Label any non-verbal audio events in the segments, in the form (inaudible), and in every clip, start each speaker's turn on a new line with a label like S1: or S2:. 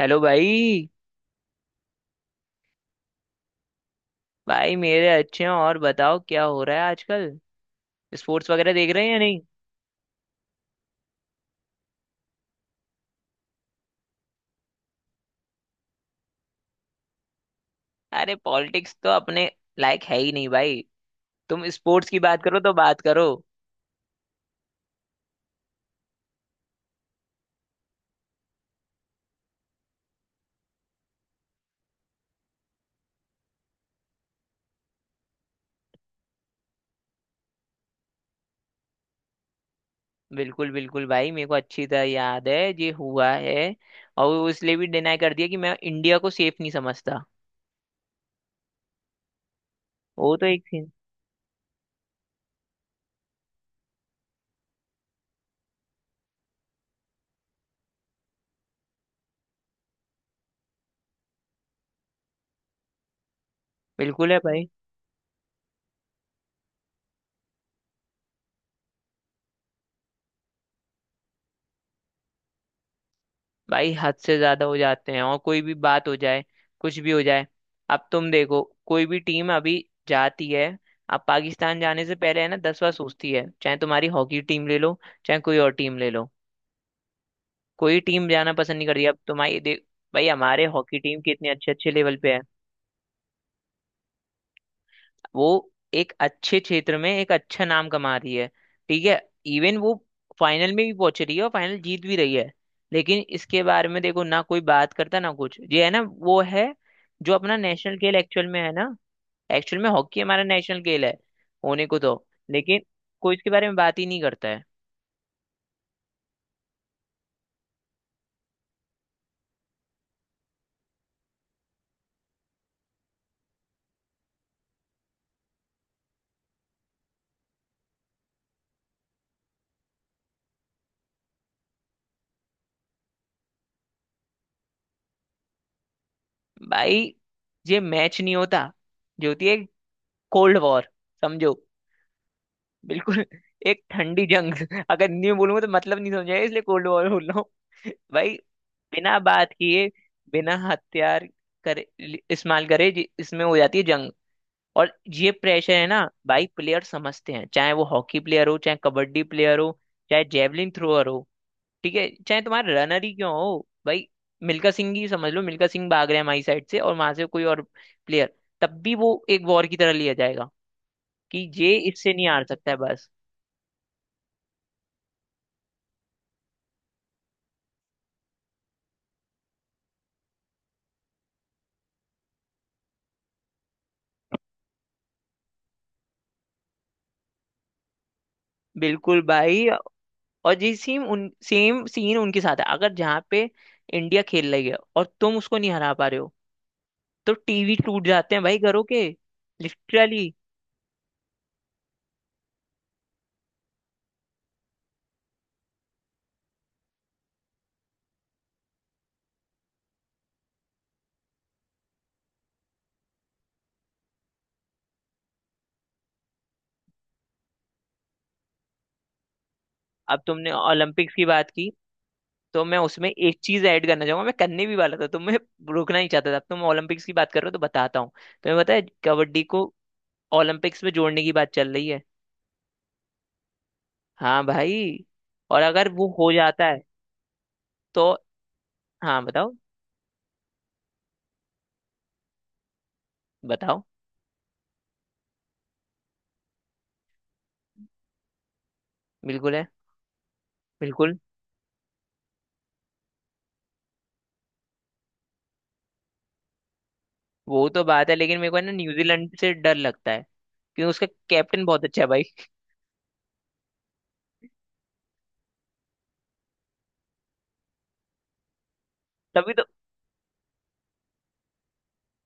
S1: Hello भाई। भाई मेरे अच्छे हैं और बताओ क्या हो रहा है आजकल। स्पोर्ट्स वगैरह देख रहे हैं या नहीं। अरे पॉलिटिक्स तो अपने लायक है ही नहीं भाई। तुम स्पोर्ट्स की बात करो तो बात करो। बिल्कुल बिल्कुल भाई, मेरे को अच्छी तरह याद है ये हुआ है। और वो इसलिए भी डिनाई कर दिया कि मैं इंडिया को सेफ नहीं समझता। वो तो एक सीन। बिल्कुल है भाई। भाई हद से ज्यादा हो जाते हैं और कोई भी बात हो जाए। कुछ भी हो जाए। अब तुम देखो। कोई भी टीम अभी जाती है। अब पाकिस्तान जाने से पहले है ना दस बार सोचती है, चाहे तुम्हारी हॉकी टीम ले लो। चाहे कोई और टीम ले लो। कोई टीम जाना पसंद नहीं करती। अब तुम्हारी देख। भाई हमारे हॉकी टीम कितने अच्छे अच्छे लेवल पे है। वो एक अच्छे क्षेत्र में एक अच्छा नाम कमा रही है। ठीक है। इवन वो फाइनल में भी पहुंच रही है और फाइनल जीत भी रही है। लेकिन इसके बारे में देखो ना कोई बात करता ना कुछ, ये है ना वो है। जो अपना नेशनल खेल एक्चुअल में है ना। एक्चुअल में हॉकी हमारा नेशनल खेल है होने को तो। लेकिन कोई इसके बारे में बात ही नहीं करता है। भाई ये मैच नहीं होता। जो होती है कोल्ड वॉर, समझो। बिल्कुल (laughs) एक ठंडी जंग। (laughs) अगर न्यू बोलूंगा तो मतलब नहीं समझ आएगा इसलिए कोल्ड वॉर बोल रहा हूँ। (laughs) भाई। बिना बात किए, बिना हथियार करे इस्तेमाल करे इसमें हो जाती है जंग। और ये प्रेशर है ना। भाई प्लेयर समझते हैं, चाहे वो हॉकी प्लेयर हो, चाहे कबड्डी प्लेयर हो, चाहे जेवलिन थ्रोअर हो, ठीक है, चाहे तुम्हारा रनर ही क्यों हो भाई। मिल्खा सिंह ही समझ लो, मिल्खा सिंह भाग रहे हैं हमारी साइड से और वहां से कोई और प्लेयर, तब भी वो एक वॉर की तरह लिया जाएगा। कि ये इससे नहीं हार सकता है बस। बिल्कुल भाई। और जी सेम उन सेम सीन उनके साथ है, अगर जहाँ पे इंडिया खेल रही है और तुम उसको नहीं हरा पा रहे हो, तो टीवी टूट जाते हैं भाई घरों के। लिटरली। अब तुमने ओलंपिक्स की बात की तो मैं उसमें एक चीज ऐड करना चाहूंगा, मैं करने भी वाला था तो मैं रोकना ही चाहता था। अब तुम ओलंपिक्स की बात कर रहे हो तो बताता हूँ। तुम्हें पता है कबड्डी को ओलंपिक्स में जोड़ने की बात चल रही है। हाँ भाई। और अगर वो हो जाता है तो। हाँ बताओ। बताओ। बिल्कुल है। बिल्कुल। वो तो बात है लेकिन मेरे को है ना, न्यूजीलैंड से डर लगता है। क्योंकि उसका कैप्टन बहुत अच्छा है भाई। तभी तो।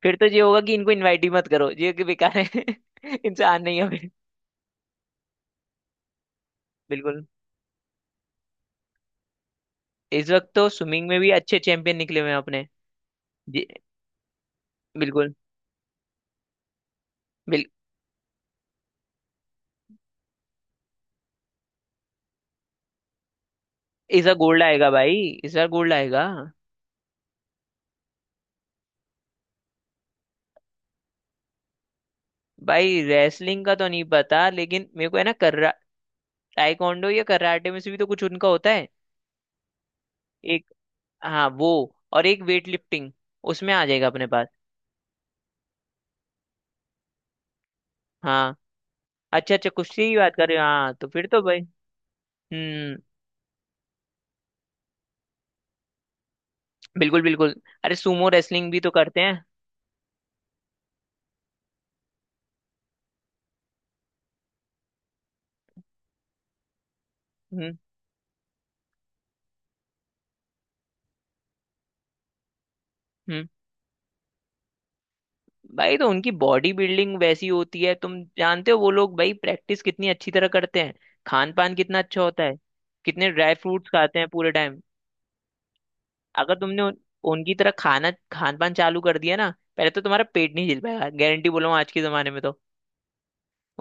S1: फिर तो ये होगा कि इनको इनवाइट ही मत करो, ये कि बेकार है (laughs) इंसान नहीं है फिर। बिल्कुल। इस वक्त तो स्विमिंग में भी अच्छे चैंपियन निकले हुए हैं अपने। जी, बिल्कुल। बिल, इस बार गोल्ड आएगा भाई। इस बार गोल्ड आएगा। भाई रेसलिंग का तो नहीं पता लेकिन मेरे को है ना कर्रा टाइकोंडो या कराटे में से भी तो कुछ उनका होता है। एक। हाँ वो। और एक वेट लिफ्टिंग उसमें आ जाएगा अपने पास। हाँ। अच्छा अच्छा कुश्ती की बात कर रहे हो, हाँ तो फिर तो भाई। हम्म। बिल्कुल बिल्कुल। अरे सुमो रेसलिंग भी तो करते हैं। हम्म। हम्म। भाई तो उनकी बॉडी बिल्डिंग वैसी होती है, तुम जानते हो वो लोग भाई प्रैक्टिस कितनी अच्छी तरह करते हैं। खान पान कितना अच्छा होता है। कितने ड्राई फ्रूट्स खाते हैं पूरे टाइम। अगर तुमने उनकी तरह खाना खान पान चालू कर दिया ना, पहले तो तुम्हारा पेट नहीं झेल पाएगा, गारंटी बोला हूं आज के जमाने में तो।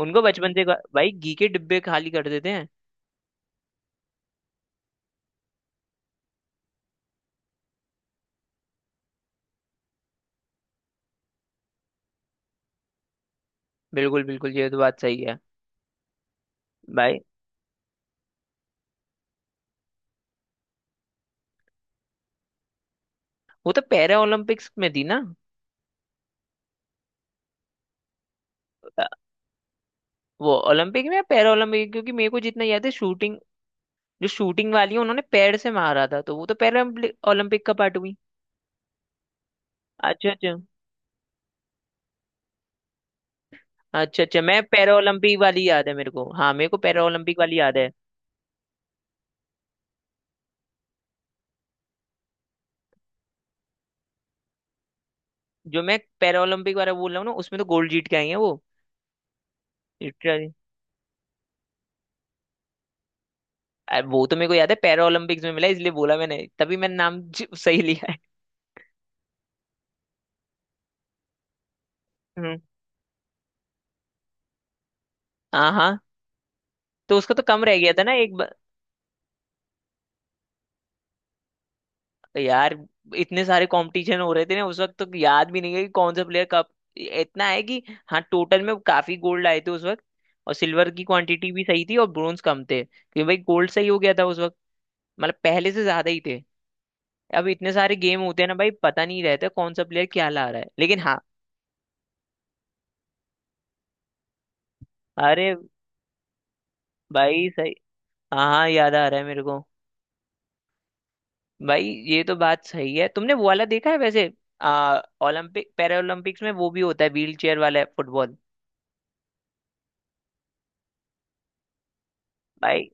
S1: उनको बचपन से भाई घी के डिब्बे खाली कर देते हैं। बिल्कुल बिल्कुल ये तो बात सही है। भाई वो तो पैरा ओलंपिक्स में थी ना। वो ओलंपिक में या पैरालंपिक, क्योंकि मेरे को जितना याद है शूटिंग, जो शूटिंग वाली है उन्होंने पैर से मारा था, तो वो तो पैरालंपिक ओलंपिक का पार्ट हुई। अच्छा अच्छा। अच्छा अच्छा मैं पैरालंपिक वाली याद है मेरे को, हाँ मेरे को पैरालंपिक वाली याद है। जो मैं पैरालंपिक वाला बोल रहा हूँ ना, उसमें तो गोल्ड जीत के आई है वो। लिटरली। अरे वो तो मेरे को याद है पैरालंपिक्स में मिला, इसलिए बोला मैंने, तभी मैंने नाम सही लिया है। हम्म। हाँ हाँ तो उसका तो कम रह गया था ना एक। तो यार इतने सारे कंपटीशन हो रहे थे ना उस वक्त, तो याद भी नहीं है कि कौन सा प्लेयर कब। इतना है कि, हाँ टोटल में काफी गोल्ड आए थे उस वक्त। और सिल्वर की क्वांटिटी भी सही थी और ब्रोंज कम थे क्योंकि भाई गोल्ड सही हो गया था उस वक्त। मतलब पहले से ज्यादा ही थे। अब इतने सारे गेम होते हैं ना भाई, पता नहीं रहता कौन सा प्लेयर क्या ला रहा है, लेकिन हाँ। अरे भाई सही। हाँ हाँ याद आ रहा है मेरे को। भाई ये तो बात सही है, तुमने वो वाला देखा है वैसे। आ ओलंपिक पैरा ओलंपिक्स में वो भी होता है व्हील चेयर वाला फुटबॉल। भाई।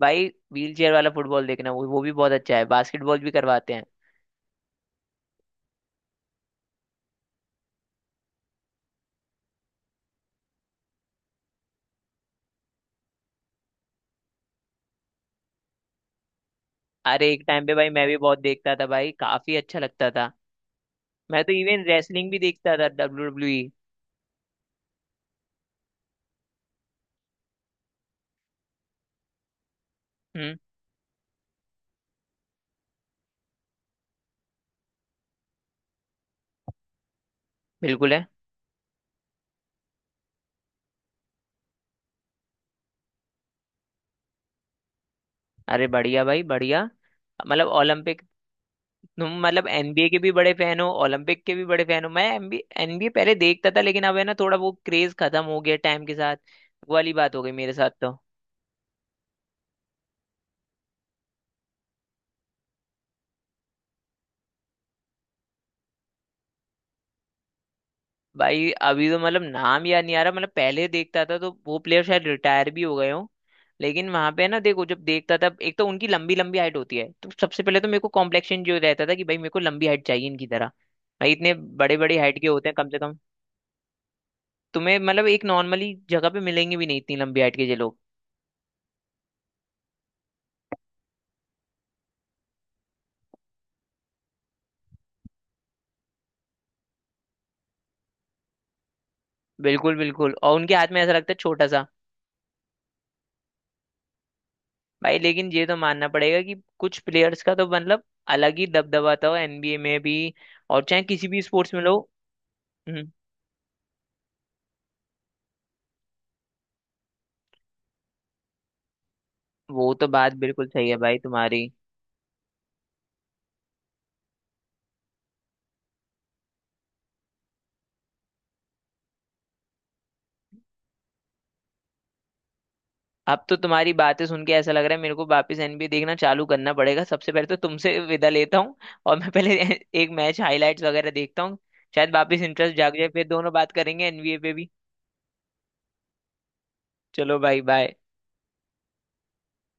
S1: भाई व्हील चेयर वाला फुटबॉल देखना, वो भी बहुत अच्छा है, बास्केटबॉल भी करवाते हैं। अरे एक टाइम पे भाई मैं भी बहुत देखता था, भाई काफी अच्छा लगता था। मैं तो इवन रेसलिंग भी देखता था WWE। हम्म। बिल्कुल है। अरे बढ़िया भाई बढ़िया। मतलब ओलंपिक। तुम मतलब एनबीए के भी बड़े फैन हो, ओलंपिक के भी बड़े फैन हो, मैं एनबीए एनबीए पहले देखता था लेकिन अब है ना थोड़ा वो क्रेज खत्म हो गया टाइम के साथ। वो वाली बात हो गई मेरे साथ तो। भाई अभी तो मतलब नाम याद नहीं आ रहा, मतलब पहले देखता था तो वो प्लेयर शायद रिटायर भी हो गए हो। लेकिन वहां पे ना देखो जब देखता था, एक तो उनकी लंबी लंबी हाइट होती है, तो सबसे पहले तो मेरे को कॉम्प्लेक्शन जो रहता था कि भाई मेरे को लंबी हाइट चाहिए इनकी तरह। भाई इतने बड़े बड़े हाइट के होते हैं कम से कम। तुम्हें मतलब एक नॉर्मली जगह पे मिलेंगे भी नहीं इतनी लंबी हाइट के ये लोग। बिल्कुल बिल्कुल और उनके हाथ में ऐसा लगता है छोटा सा। भाई लेकिन ये तो मानना पड़ेगा कि कुछ प्लेयर्स का तो मतलब अलग ही दबदबा था एनबीए में भी। और चाहे किसी भी स्पोर्ट्स में लो। हम्म, वो तो बात बिल्कुल सही है भाई तुम्हारी। अब तो तुम्हारी बातें सुन के ऐसा लग रहा है मेरे को वापस एनबीए देखना चालू करना पड़ेगा, सबसे पहले तो तुमसे विदा लेता हूँ। और मैं पहले (laughs) एक मैच हाईलाइट्स वगैरह देखता हूँ। शायद वापस इंटरेस्ट जाग जाए, फिर दोनों बात करेंगे एनबीए पे भी। चलो भाई बाय।